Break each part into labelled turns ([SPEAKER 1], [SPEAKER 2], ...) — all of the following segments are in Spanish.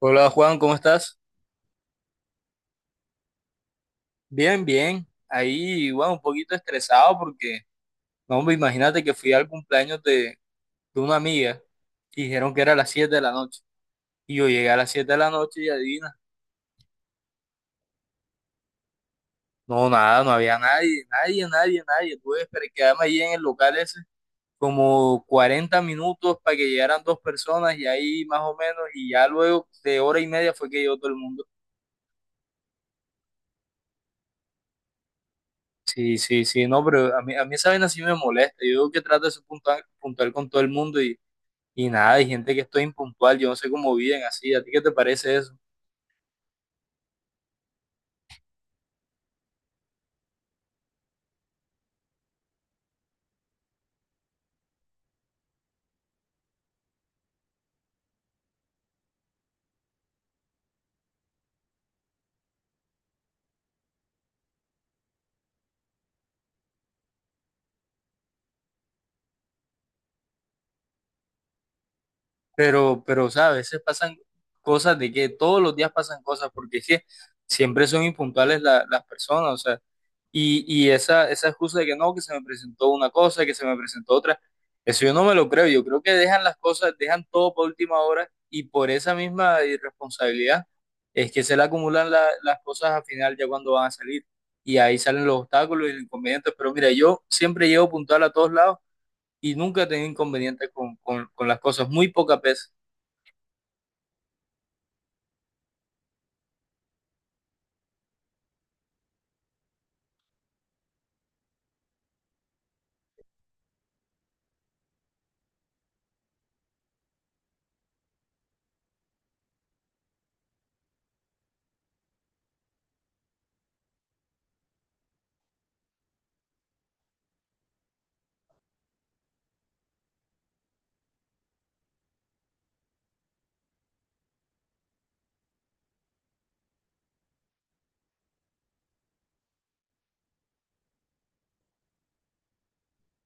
[SPEAKER 1] Hola Juan, ¿cómo estás? Bien, bien. Ahí, bueno, un poquito estresado porque, no, hombre, imagínate que fui al cumpleaños de una amiga y dijeron que era a las 7 de la noche. Y yo llegué a las 7 de la noche y adivina, no, nada, no había nadie, nadie, nadie, nadie. Tuve que quedarme ahí en el local ese como 40 minutos para que llegaran dos personas y ahí más o menos, y ya luego de hora y media fue que llegó todo el mundo. Sí, sí, sí, no, pero a mí esa vaina sí me molesta. Yo que trato de ser puntual, puntual con todo el mundo. Y nada, hay gente que estoy impuntual, yo no sé cómo viven así. ¿A ti qué te parece eso? Pero, ¿sabes? A veces pasan cosas de que todos los días pasan cosas, porque es que siempre son impuntuales las personas, o sea, y esa excusa de que no, que se me presentó una cosa, que se me presentó otra, eso yo no me lo creo, yo creo que dejan las cosas, dejan todo por última hora y por esa misma irresponsabilidad es que se le acumulan las cosas al final ya cuando van a salir y ahí salen los obstáculos y los inconvenientes, pero mira, yo siempre llego puntual a todos lados y nunca he tenido inconvenientes con las cosas, muy pocas veces.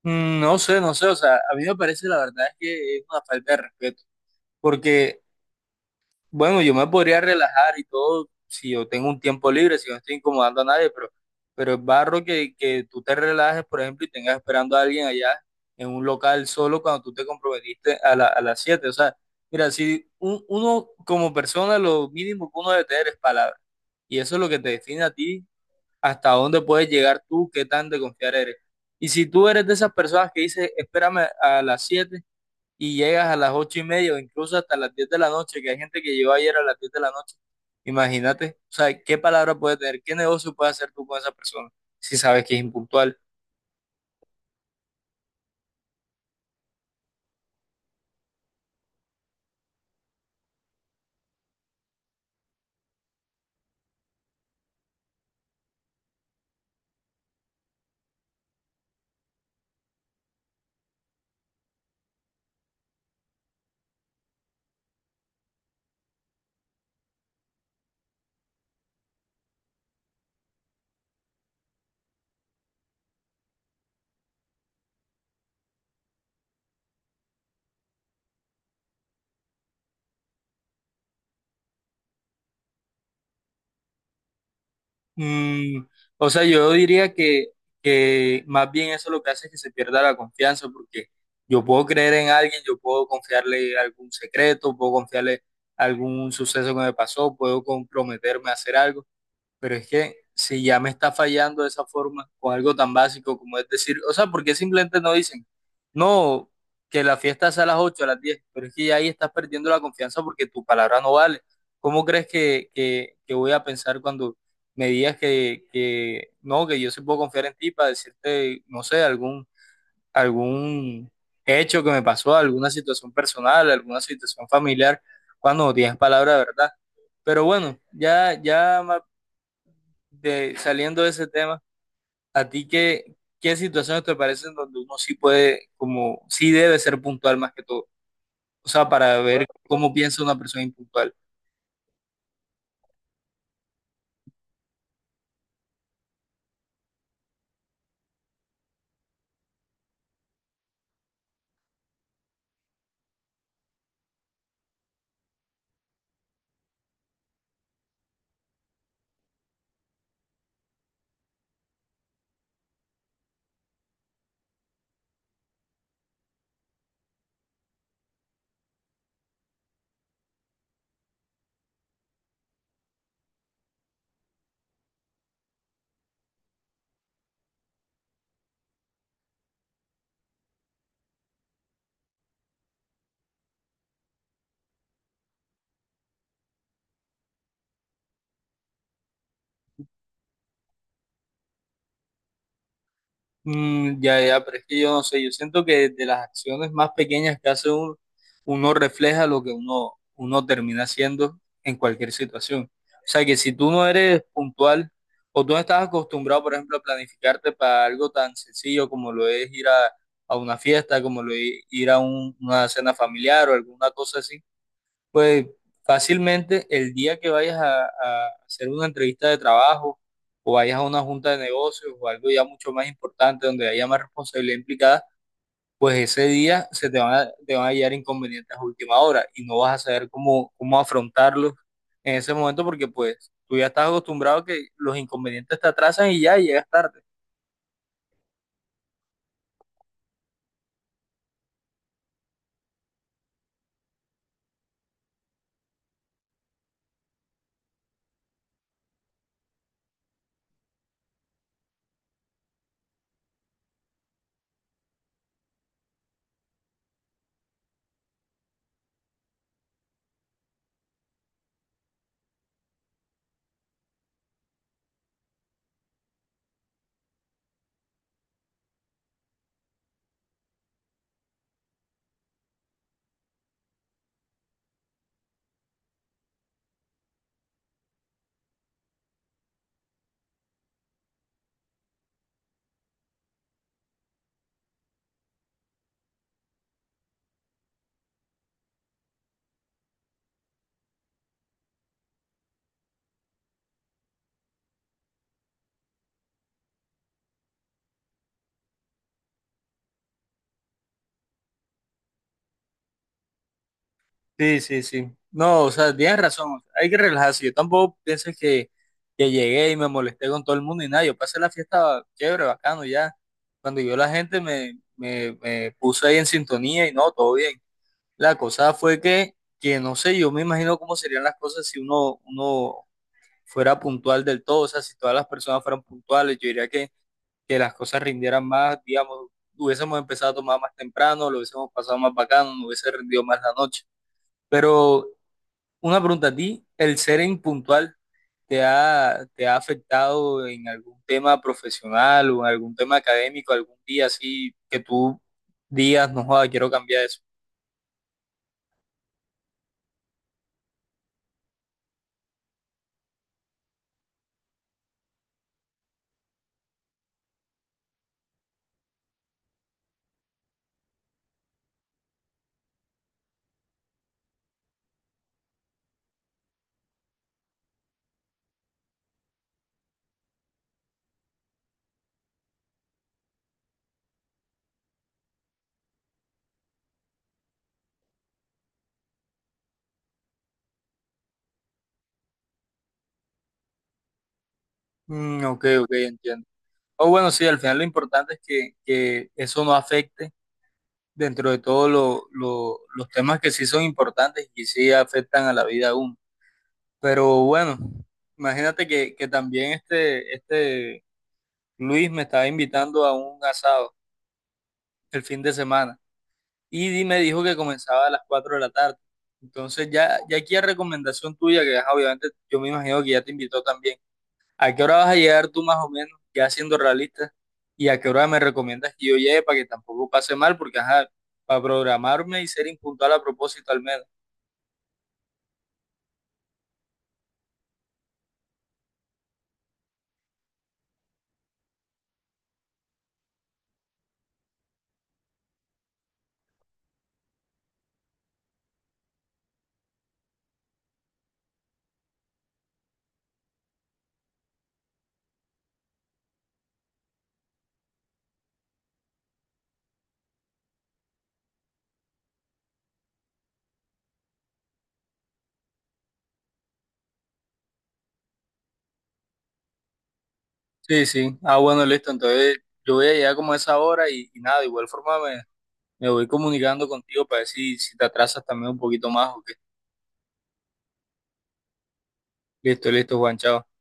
[SPEAKER 1] No sé, no sé, o sea, a mí me parece la verdad es que es una falta de respeto, porque, bueno, yo me podría relajar y todo si yo tengo un tiempo libre, si no estoy incomodando a nadie, pero, es barro que tú te relajes, por ejemplo, y tengas esperando a alguien allá en un local solo cuando tú te comprometiste a a las 7. O sea, mira, si uno como persona lo mínimo que uno debe tener es palabra, y eso es lo que te define a ti, hasta dónde puedes llegar tú, qué tan de confiar eres. Y si tú eres de esas personas que dices, espérame a las 7 y llegas a las 8 y media o incluso hasta las 10 de la noche, que hay gente que llegó ayer a las 10 de la noche, imagínate, o sea, qué palabra puede tener, qué negocio puede hacer tú con esa persona si sabes que es impuntual. Mm, o sea, yo diría que más bien eso lo que hace es que se pierda la confianza, porque yo puedo creer en alguien, yo puedo confiarle algún secreto, puedo confiarle algún suceso que me pasó, puedo comprometerme a hacer algo. Pero es que si ya me está fallando de esa forma con algo tan básico como es decir, o sea, ¿por qué simplemente no dicen, no, que la fiesta sea a las 8, a las 10? Pero es que ya ahí estás perdiendo la confianza porque tu palabra no vale. ¿Cómo crees que voy a pensar cuando me digas que no, que yo sí puedo confiar en ti para decirte, no sé, algún hecho que me pasó, alguna situación personal, alguna situación familiar, cuando no tienes palabra de verdad? Pero bueno, ya, ya más saliendo de ese tema, ¿a ti qué situaciones te parecen donde uno sí puede, como, sí debe ser puntual más que todo? O sea, para ver cómo piensa una persona impuntual. Mm, ya, ya, pero es que yo no sé, yo siento que de las acciones más pequeñas que hace uno, uno refleja lo que uno termina haciendo en cualquier situación. O sea, que si tú no eres puntual o tú no estás acostumbrado, por ejemplo, a planificarte para algo tan sencillo como lo es ir a una fiesta, como lo es ir a una cena familiar o alguna cosa así, pues fácilmente el día que vayas a hacer una entrevista de trabajo o vayas a una junta de negocios o algo ya mucho más importante donde haya más responsabilidad implicada, pues ese día se te van a llegar inconvenientes a última hora y no vas a saber cómo afrontarlos en ese momento porque pues tú ya estás acostumbrado a que los inconvenientes te atrasan y ya llegas tarde. Sí, sí, sí. No, o sea, tienes razón. Hay que relajarse. Yo tampoco pienses que llegué y me molesté con todo el mundo y nada. Yo pasé la fiesta chévere, bacano ya. Cuando yo la gente me puse ahí en sintonía y no, todo bien. La cosa fue que no sé, yo me imagino cómo serían las cosas si uno fuera puntual del todo. O sea, si todas las personas fueran puntuales, yo diría que las cosas rindieran más, digamos, hubiésemos empezado a tomar más temprano, lo hubiésemos pasado más bacano, no hubiese rendido más la noche. Pero una pregunta a ti, ¿el ser impuntual te ha afectado en algún tema profesional o en algún tema académico, algún día así que tú digas, no joda, quiero cambiar eso? Mm, ok, ok, entiendo. O bueno, sí, al final lo importante es que eso no afecte dentro de todos los temas que sí son importantes y sí afectan a la vida de uno. Pero bueno, imagínate que también este Luis me estaba invitando a un asado el fin de semana. Y me dijo que comenzaba a las 4 de la tarde. Entonces ya, ya aquí a recomendación tuya, que ajá, obviamente yo me imagino que ya te invitó también. ¿A qué hora vas a llegar tú más o menos, ya siendo realista? ¿Y a qué hora me recomiendas que yo llegue para que tampoco pase mal? Porque ajá, para programarme y ser impuntual a propósito al menos. Sí, sí. Ah, bueno, listo. Entonces yo voy a llegar como a esa hora y nada, de igual forma me voy comunicando contigo para ver si te atrasas también un poquito más o qué. Listo, listo, Juan, chao.